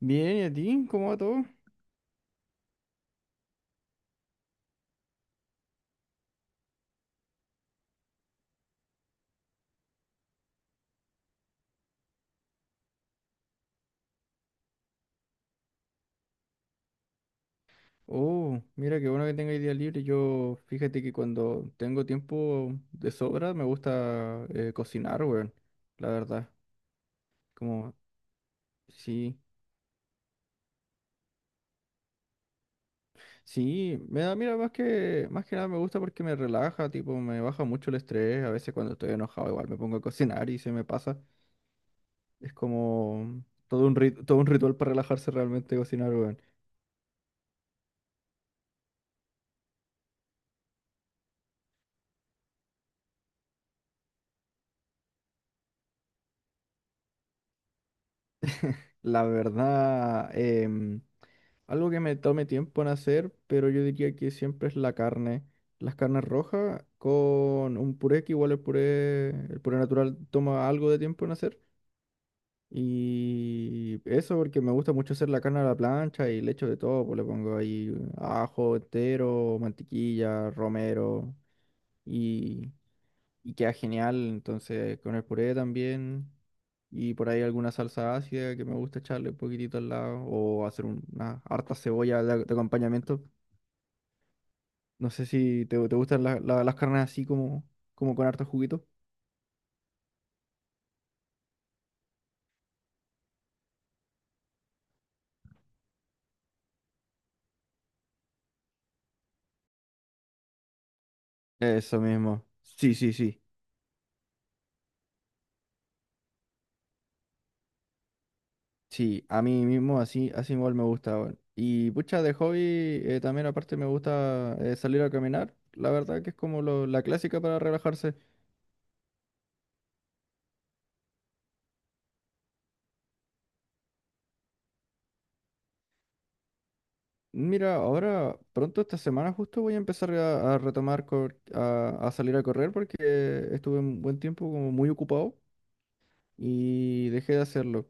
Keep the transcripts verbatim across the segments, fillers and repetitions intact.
Bien, ¿y a ti? ¿Cómo va todo? Oh, mira qué bueno que tenga día libre. Yo, fíjate que cuando tengo tiempo de sobra, me gusta eh, cocinar, weón. La verdad, como, sí, sí, me da, mira, más que, más que nada me gusta porque me relaja, tipo, me baja mucho el estrés. A veces cuando estoy enojado, igual me pongo a cocinar y se me pasa. Es como todo un rit- todo un ritual para relajarse realmente cocinar, weón. La verdad, em, algo que me tome tiempo en hacer, pero yo diría que siempre es la carne. Las carnes rojas con un puré, que igual el puré, el puré natural toma algo de tiempo en hacer. Y eso porque me gusta mucho hacer la carne a la plancha y le echo de todo, pues le pongo ahí ajo entero, mantequilla, romero. y y queda genial. Entonces, con el puré también. Y por ahí alguna salsa ácida que me gusta echarle un poquitito al lado. O hacer un- una harta cebolla de, de acompañamiento. No sé si te, te gustan la- la- las carnes así como, como con harto juguito. Eso mismo. Sí, sí, sí. Sí, a mí mismo así, así igual me gusta, weón. Y pucha, de hobby eh, también aparte me gusta eh, salir a caminar. La verdad que es como lo- la clásica para relajarse. Mira, ahora pronto esta semana justo voy a empezar a, a retomar, cor- a, a salir a correr porque estuve un buen tiempo como muy ocupado y dejé de hacerlo.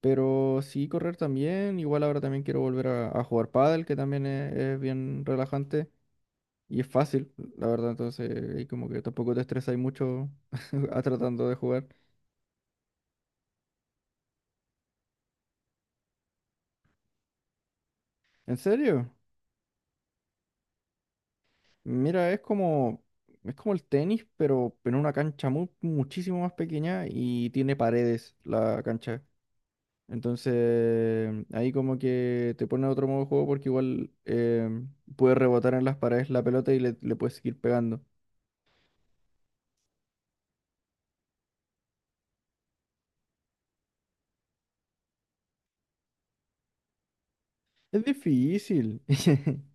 Pero sí, correr también. Igual ahora también quiero volver a, a jugar pádel, que también es, es bien relajante y es fácil, la verdad, entonces ahí como que tampoco te estresas mucho a tratando de jugar. ¿En serio? Mira, es como, es como el tenis, pero en una cancha mu- muchísimo más pequeña y tiene paredes la cancha. Entonces, ahí como que te pone otro modo de juego porque igual eh, puedes rebotar en las paredes la pelota y le, le puedes seguir pegando. Es difícil.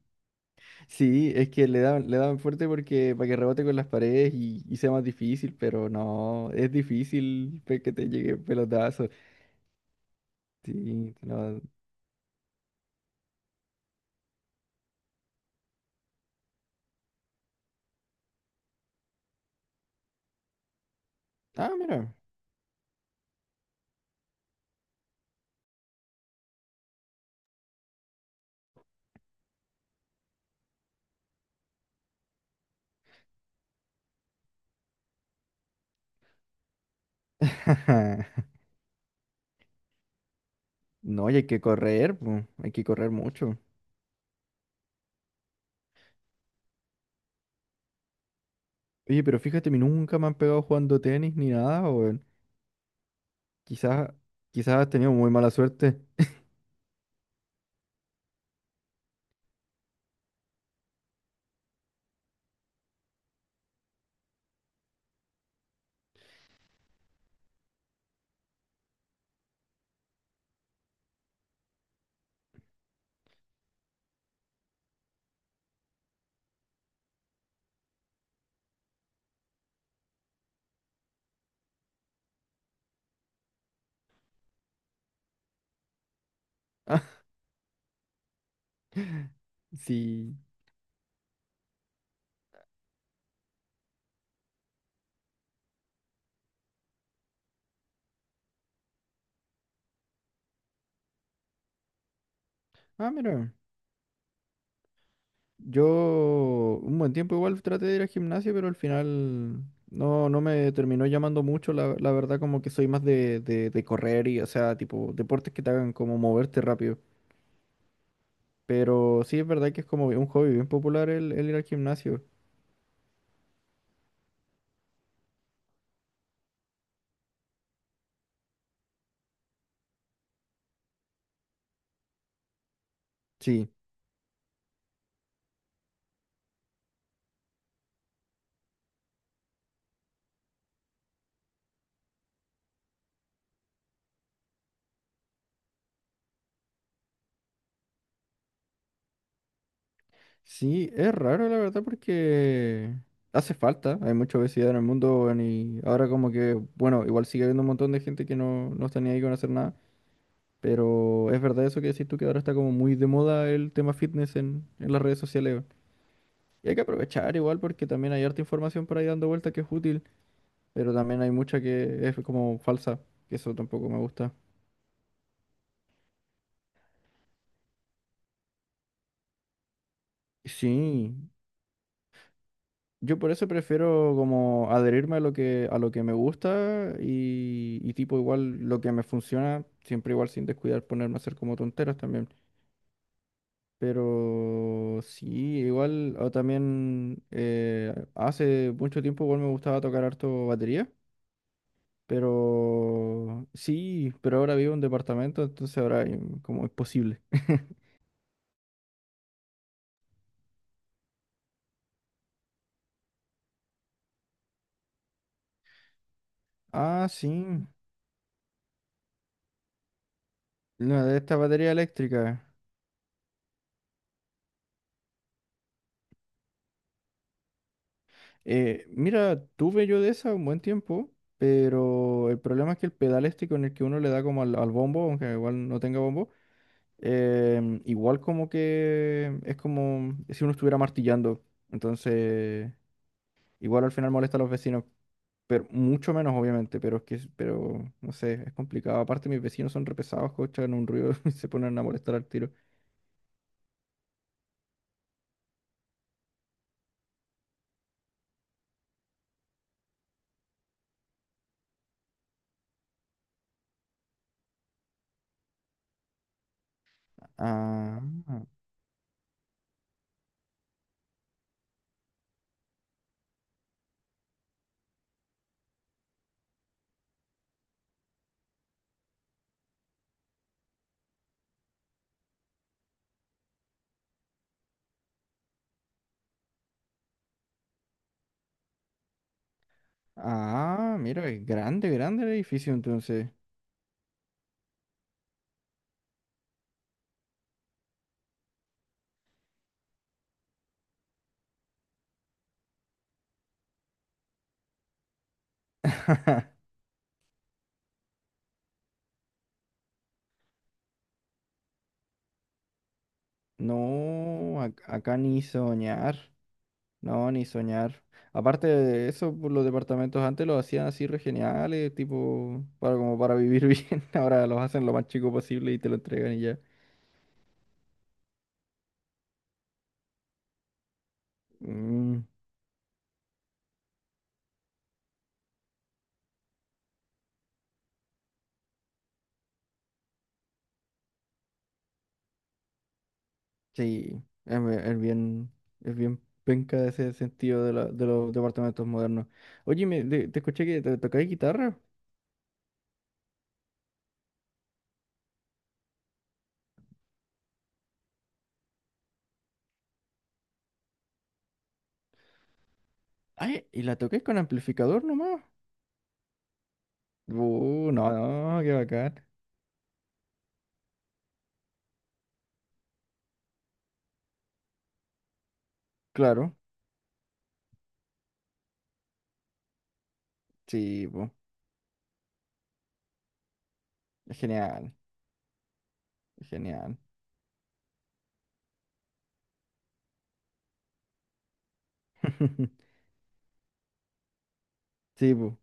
Sí, es que le dan, le dan fuerte porque para que rebote con las paredes y, y sea más difícil, pero no, es difícil pe- que te llegue pelotazo. Sí, no. Ah, mira. No, y hay que correr, pues, hay que correr mucho. Oye, pero fíjate, a mí nunca me han pegado jugando tenis ni nada, o quizás, quizás has tenido muy mala suerte. Sí. Ah, mira, yo un buen tiempo igual traté de ir al gimnasio, pero al final no, no me terminó llamando mucho. La, la verdad, como que soy más de, de, de correr y, o sea, tipo, deportes que te hagan como moverte rápido. Pero sí, es verdad que es como un hobby bien popular el, el ir al gimnasio. Sí. Sí, es raro la verdad, porque hace falta, hay mucha obesidad en el mundo, weón, y ahora como que, bueno, igual sigue habiendo un montón de gente que no, no está ni ahí con hacer nada, pero es verdad eso que decís tú, que ahora está como muy de moda el tema fitness en, en las redes sociales, weón. Y hay que aprovechar igual porque también hay harta información por ahí dando vuelta que es útil, pero también hay mucha que es como falsa, que eso tampoco me gusta. Sí. Yo por eso prefiero como adherirme a lo que, a lo que me gusta y, y tipo igual lo que me funciona, siempre igual sin descuidar ponerme a hacer como tonteras también. Pero sí, igual o también eh, hace mucho tiempo igual me gustaba tocar harto batería, pero sí, pero ahora vivo en un departamento, entonces ahora eh, como es posible. Ah, sí, la de esta batería eléctrica. Eh, mira, tuve yo de esa un buen tiempo, pero el problema es que el pedal este con el que uno le da como al, al bombo, aunque igual no tenga bombo, em, igual como que es como si uno estuviera martillando. Entonces, igual al final molesta a los vecinos, pero mucho menos obviamente, pero es que, es- pero no sé, es complicado. Aparte mis vecinos son repesados, escuchan un ruido y se ponen a molestar al tiro. Ah, ah, mira, es grande, grande el edificio entonces. No, ac- acá ni soñar. No, ni soñar. Aparte de eso, pues, los departamentos antes los hacían así re geniales, tipo, para, como para vivir bien. Ahora los hacen lo más chico posible y te lo entregan y ya. Mm, sí, es, be- es bien, es bien penca ese sentido de, la- de los departamentos modernos. Oye, me, de- te escuché que te tocáis guitarra. Ay, ¿y la tocáis con amplificador nomás? Uh, no, no, qué bacán. Claro, sí, pues, es genial, es genial. Sí, pues,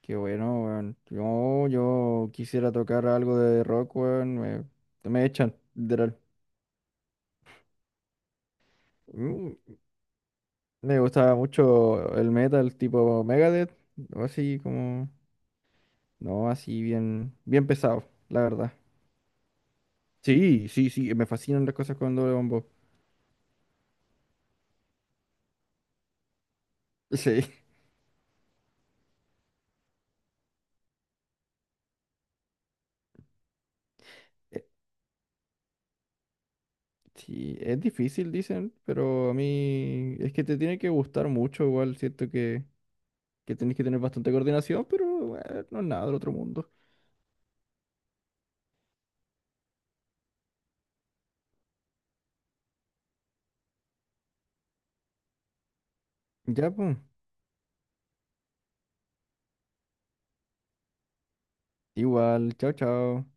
qué bueno, weón. Yo, yo quisiera tocar algo de rock, weón. Me, me echan, literal. Mm, me gustaba mucho el metal tipo Megadeth, o así como, no, así bien, bien pesado, la verdad. Sí, sí, sí, me fascinan las cosas con doble bombo. Sí, eh, sí, es difícil, dicen, pero a mí es que te tiene que gustar mucho, igual siento que, que tenés que tener bastante coordinación, pero eh, no es nada del otro mundo. Ya, pues. Igual, chao, chao.